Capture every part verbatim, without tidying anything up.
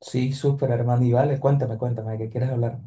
Sí, súper, hermano. Y vale, cuéntame, cuéntame, ¿de ¿qué quieres hablar?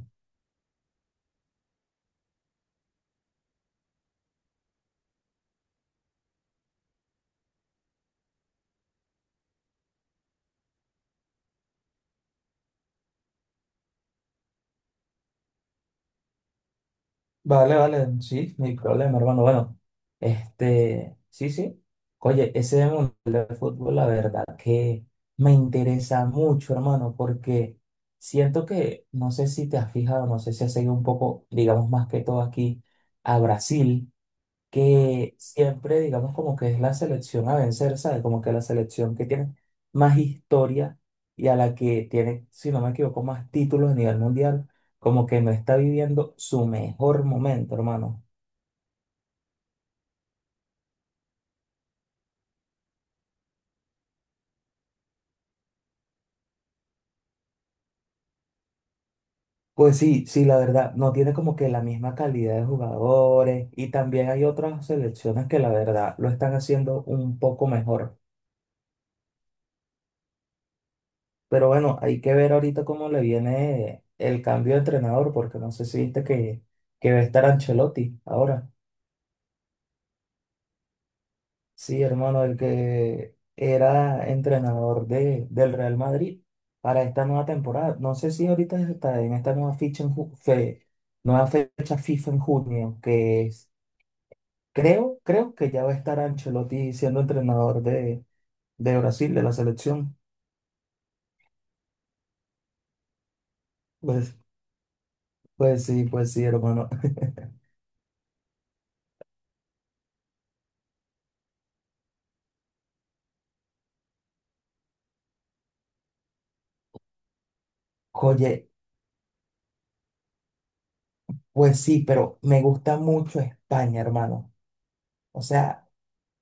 Vale, vale, sí, no hay problema, hermano. Bueno, este, sí, sí. Oye, ese mundo del fútbol, la verdad que me interesa mucho, hermano, porque siento que, no sé si te has fijado, no sé si has seguido un poco, digamos más que todo aquí, a Brasil, que siempre, digamos, como que es la selección a vencer, ¿sabes? Como que la selección que tiene más historia y a la que tiene, si no me equivoco, más títulos a nivel mundial, como que no está viviendo su mejor momento, hermano. Pues sí, sí, la verdad, no tiene como que la misma calidad de jugadores y también hay otras selecciones que la verdad lo están haciendo un poco mejor. Pero bueno, hay que ver ahorita cómo le viene el cambio de entrenador, porque no sé si viste que, que va a estar Ancelotti ahora. Sí, hermano, el que era entrenador de, del Real Madrid para esta nueva temporada. No sé si ahorita está en esta nueva ficha en ju- fe- nueva fecha FIFA en junio, que es, creo, creo que ya va a estar Ancelotti siendo entrenador de, de Brasil, de la selección. Pues, pues sí, pues sí, hermano. Oye, pues sí, pero me gusta mucho España, hermano. O sea,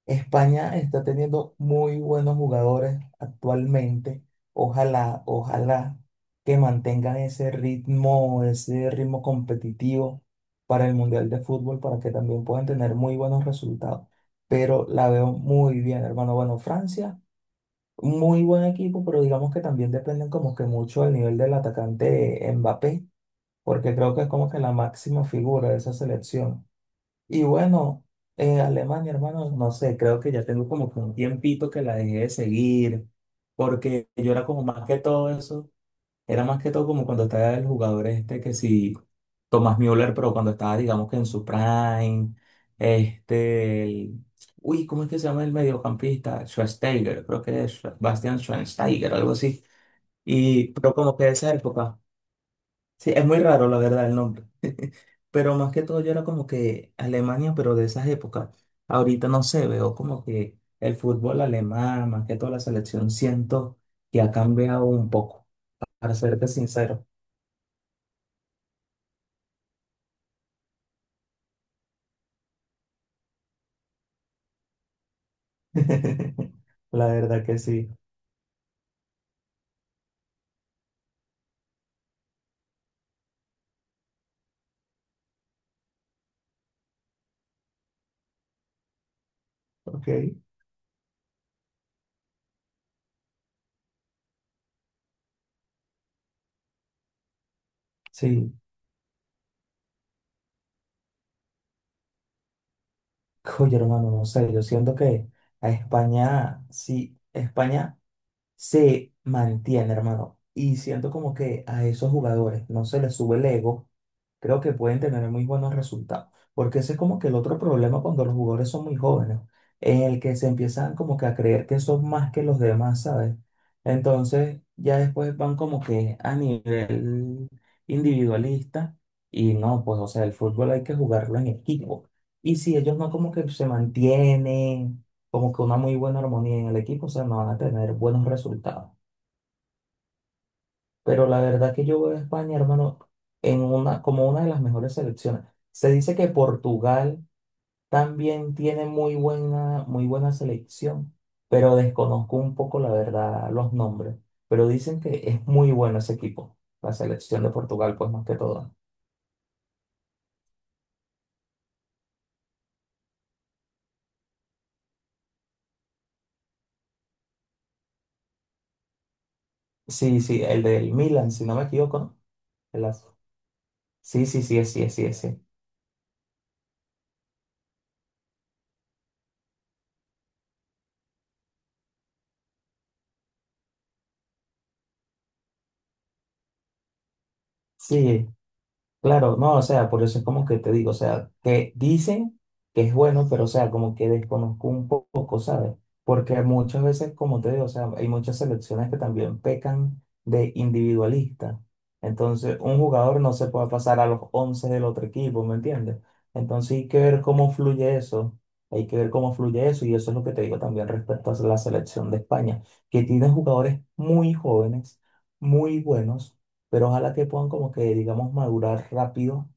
España está teniendo muy buenos jugadores actualmente. Ojalá, ojalá que mantengan ese ritmo, ese ritmo competitivo para el Mundial de Fútbol, para que también puedan tener muy buenos resultados. Pero la veo muy bien, hermano. Bueno, Francia, muy buen equipo, pero digamos que también dependen como que mucho del nivel del atacante Mbappé, porque creo que es como que la máxima figura de esa selección. Y bueno, eh, Alemania, hermano, no sé, creo que ya tengo como que un tiempito que la dejé de seguir, porque yo era como más que todo eso, era más que todo como cuando estaba el jugador este que sí, Tomás Müller, pero cuando estaba, digamos que en su prime, este, el- uy, ¿cómo es que se llama el mediocampista? Schweinsteiger, creo que es Schwe- Bastian Schweinsteiger, algo así. Y, pero como que de esa época, sí, es muy raro la verdad el nombre. Pero más que todo yo era como que Alemania, pero de esas épocas. Ahorita no sé, veo como que el fútbol alemán, más que toda la selección, siento que ha cambiado un poco, para serte sincero. La verdad que sí. Ok. Sí, oye hermano, no sé, yo siento que a España, sí, España se mantiene, hermano. Y siento como que a esos jugadores no se les sube el ego, creo que pueden tener muy buenos resultados. Porque ese es como que el otro problema cuando los jugadores son muy jóvenes, en el que se empiezan como que a creer que son más que los demás, ¿sabes? Entonces ya después van como que a nivel individualista y no, pues o sea, el fútbol hay que jugarlo en equipo. Y si ellos no como que se mantienen como que una muy buena armonía en el equipo, o sea, no van a tener buenos resultados. Pero la verdad que yo veo a España, hermano, en una, como una de las mejores selecciones. Se dice que Portugal también tiene muy buena, muy buena selección, pero desconozco un poco, la verdad, los nombres. Pero dicen que es muy bueno ese equipo, la selección de Portugal, pues más que todo. Sí, sí, el del Milan, si no me equivoco, ¿no? El az- Sí, sí, sí, sí, sí, sí. Sí, claro, no, o sea, por eso es como que te digo, o sea, que dicen que es bueno, pero o sea, como que desconozco un po- poco, ¿sabes? Porque muchas veces, como te digo, o sea, hay muchas selecciones que también pecan de individualista. Entonces, un jugador no se puede pasar a los once del otro equipo, ¿me entiendes? Entonces hay que ver cómo fluye eso, hay que ver cómo fluye eso, y eso es lo que te digo también respecto a la selección de España, que tiene jugadores muy jóvenes, muy buenos pero ojalá que puedan como que, digamos, madurar rápido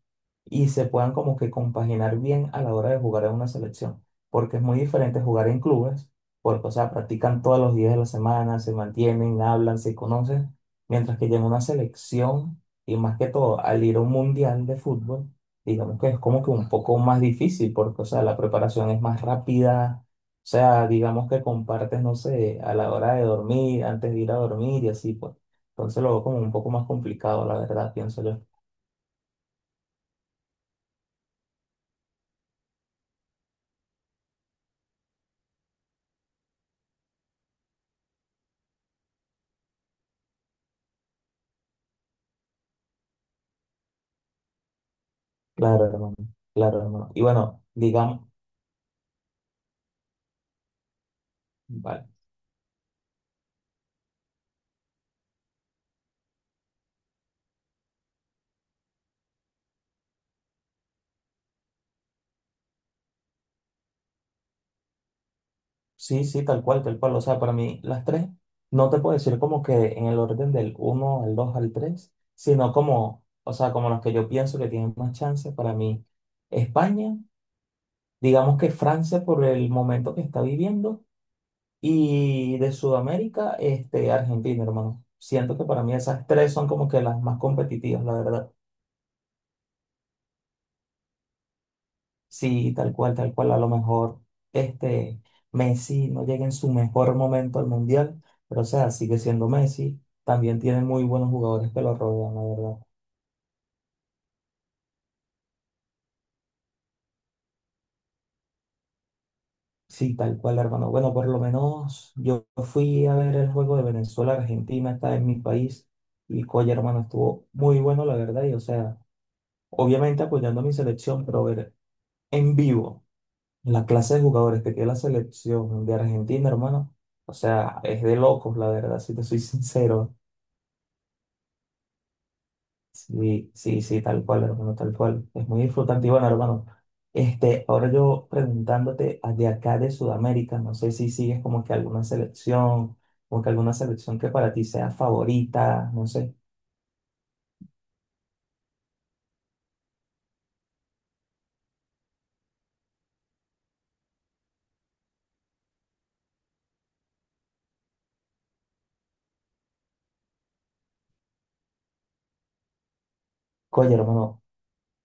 y se puedan como que compaginar bien a la hora de jugar en una selección, porque es muy diferente jugar en clubes, porque, o sea, practican todos los días de la semana, se mantienen, hablan, se conocen, mientras que ya en una selección, y más que todo, al ir a un mundial de fútbol, digamos que es como que un poco más difícil, porque, o sea, la preparación es más rápida. O sea, digamos que compartes, no sé, a la hora de dormir, antes de ir a dormir y así, pues. Entonces lo veo como un poco más complicado, la verdad, pienso yo. Claro, hermano, claro, hermano. Y bueno, digamos, vale, sí, sí, tal cual, tal cual. O sea, para mí las tres, no te puedo decir como que en el orden del uno al dos al tres, sino como, o sea, como los que yo pienso que tienen más chance para mí. España, digamos que Francia por el momento que está viviendo, y de Sudamérica, este, Argentina, hermano. Siento que para mí esas tres son como que las más competitivas, la verdad. Sí, tal cual, tal cual. A lo mejor este Messi no llega en su mejor momento al Mundial, pero o sea, sigue siendo Messi. También tiene muy buenos jugadores que lo rodean, la verdad. Sí, tal cual, hermano. Bueno, por lo menos yo fui a ver el juego de Venezuela-Argentina, está en mi país, y coye, hermano, estuvo muy bueno, la verdad. Y o sea, obviamente apoyando a mi selección, pero ver en vivo la clase de jugadores que tiene la selección de Argentina, hermano. O sea, es de locos, la verdad, si te soy sincero. Sí, sí, sí, tal cual, hermano, tal cual. Es muy disfrutante. Y bueno, hermano, este, ahora yo preguntándote a- de acá de Sudamérica, no sé si sigues como que alguna selección, como que alguna selección que para ti sea favorita, no sé. Oye, hermano,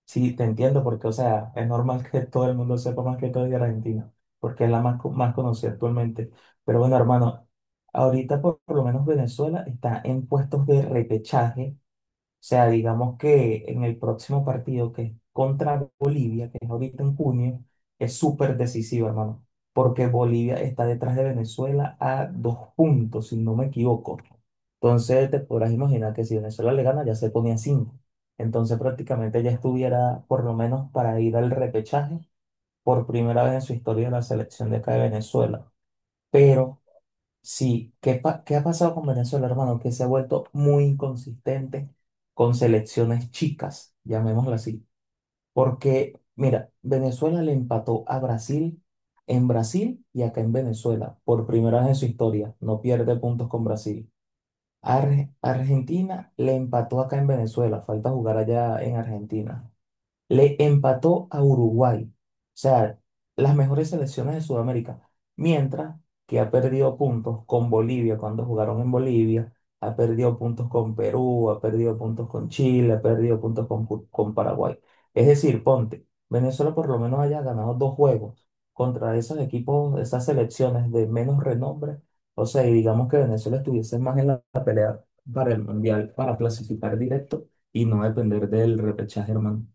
sí, te entiendo porque, o sea, es normal que todo el mundo sepa más que todo de Argentina, porque es la más, co- más conocida actualmente. Pero bueno, hermano, ahorita por por lo menos Venezuela está en puestos de repechaje, sea, digamos que en el próximo partido, que es contra Bolivia, que es ahorita en junio, es súper decisivo, hermano, porque Bolivia está detrás de Venezuela a dos puntos, si no me equivoco. Entonces, te podrás imaginar que si Venezuela le gana, ya se ponía cinco. Entonces, prácticamente ya estuviera, por lo menos, para ir al repechaje por primera vez en su historia de la selección de acá de Venezuela. Pero sí, ¿qué, pa- ¿qué ha pasado con Venezuela, hermano? Que se ha vuelto muy inconsistente con selecciones chicas, llamémoslo así. Porque, mira, Venezuela le empató a Brasil en Brasil y acá en Venezuela, por primera vez en su historia. No pierde puntos con Brasil. Arge- Argentina le empató acá en Venezuela, falta jugar allá en Argentina. Le empató a Uruguay. O sea, las mejores selecciones de Sudamérica. Mientras que ha perdido puntos con Bolivia cuando jugaron en Bolivia. Ha perdido puntos con Perú, ha perdido puntos con Chile, ha perdido puntos con, Cu- con Paraguay. Es decir, ponte, Venezuela por lo menos haya ganado dos juegos contra esos equipos, esas selecciones de menos renombre. O sea, y digamos que Venezuela estuviese más en la pelea para el Mundial, para clasificar directo y no depender del repechaje, hermano.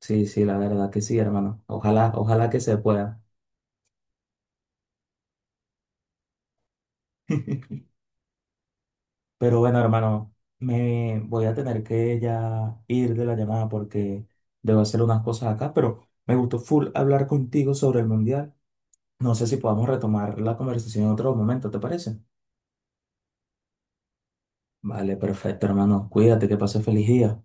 Sí, sí, la verdad que sí, hermano. Ojalá, ojalá que se pueda. Pero bueno, hermano, me voy a tener que ya ir de la llamada porque debo hacer unas cosas acá, pero me gustó full hablar contigo sobre el mundial. No sé si podamos retomar la conversación en otro momento, ¿te parece? Vale, perfecto, hermano. Cuídate, que pases feliz día.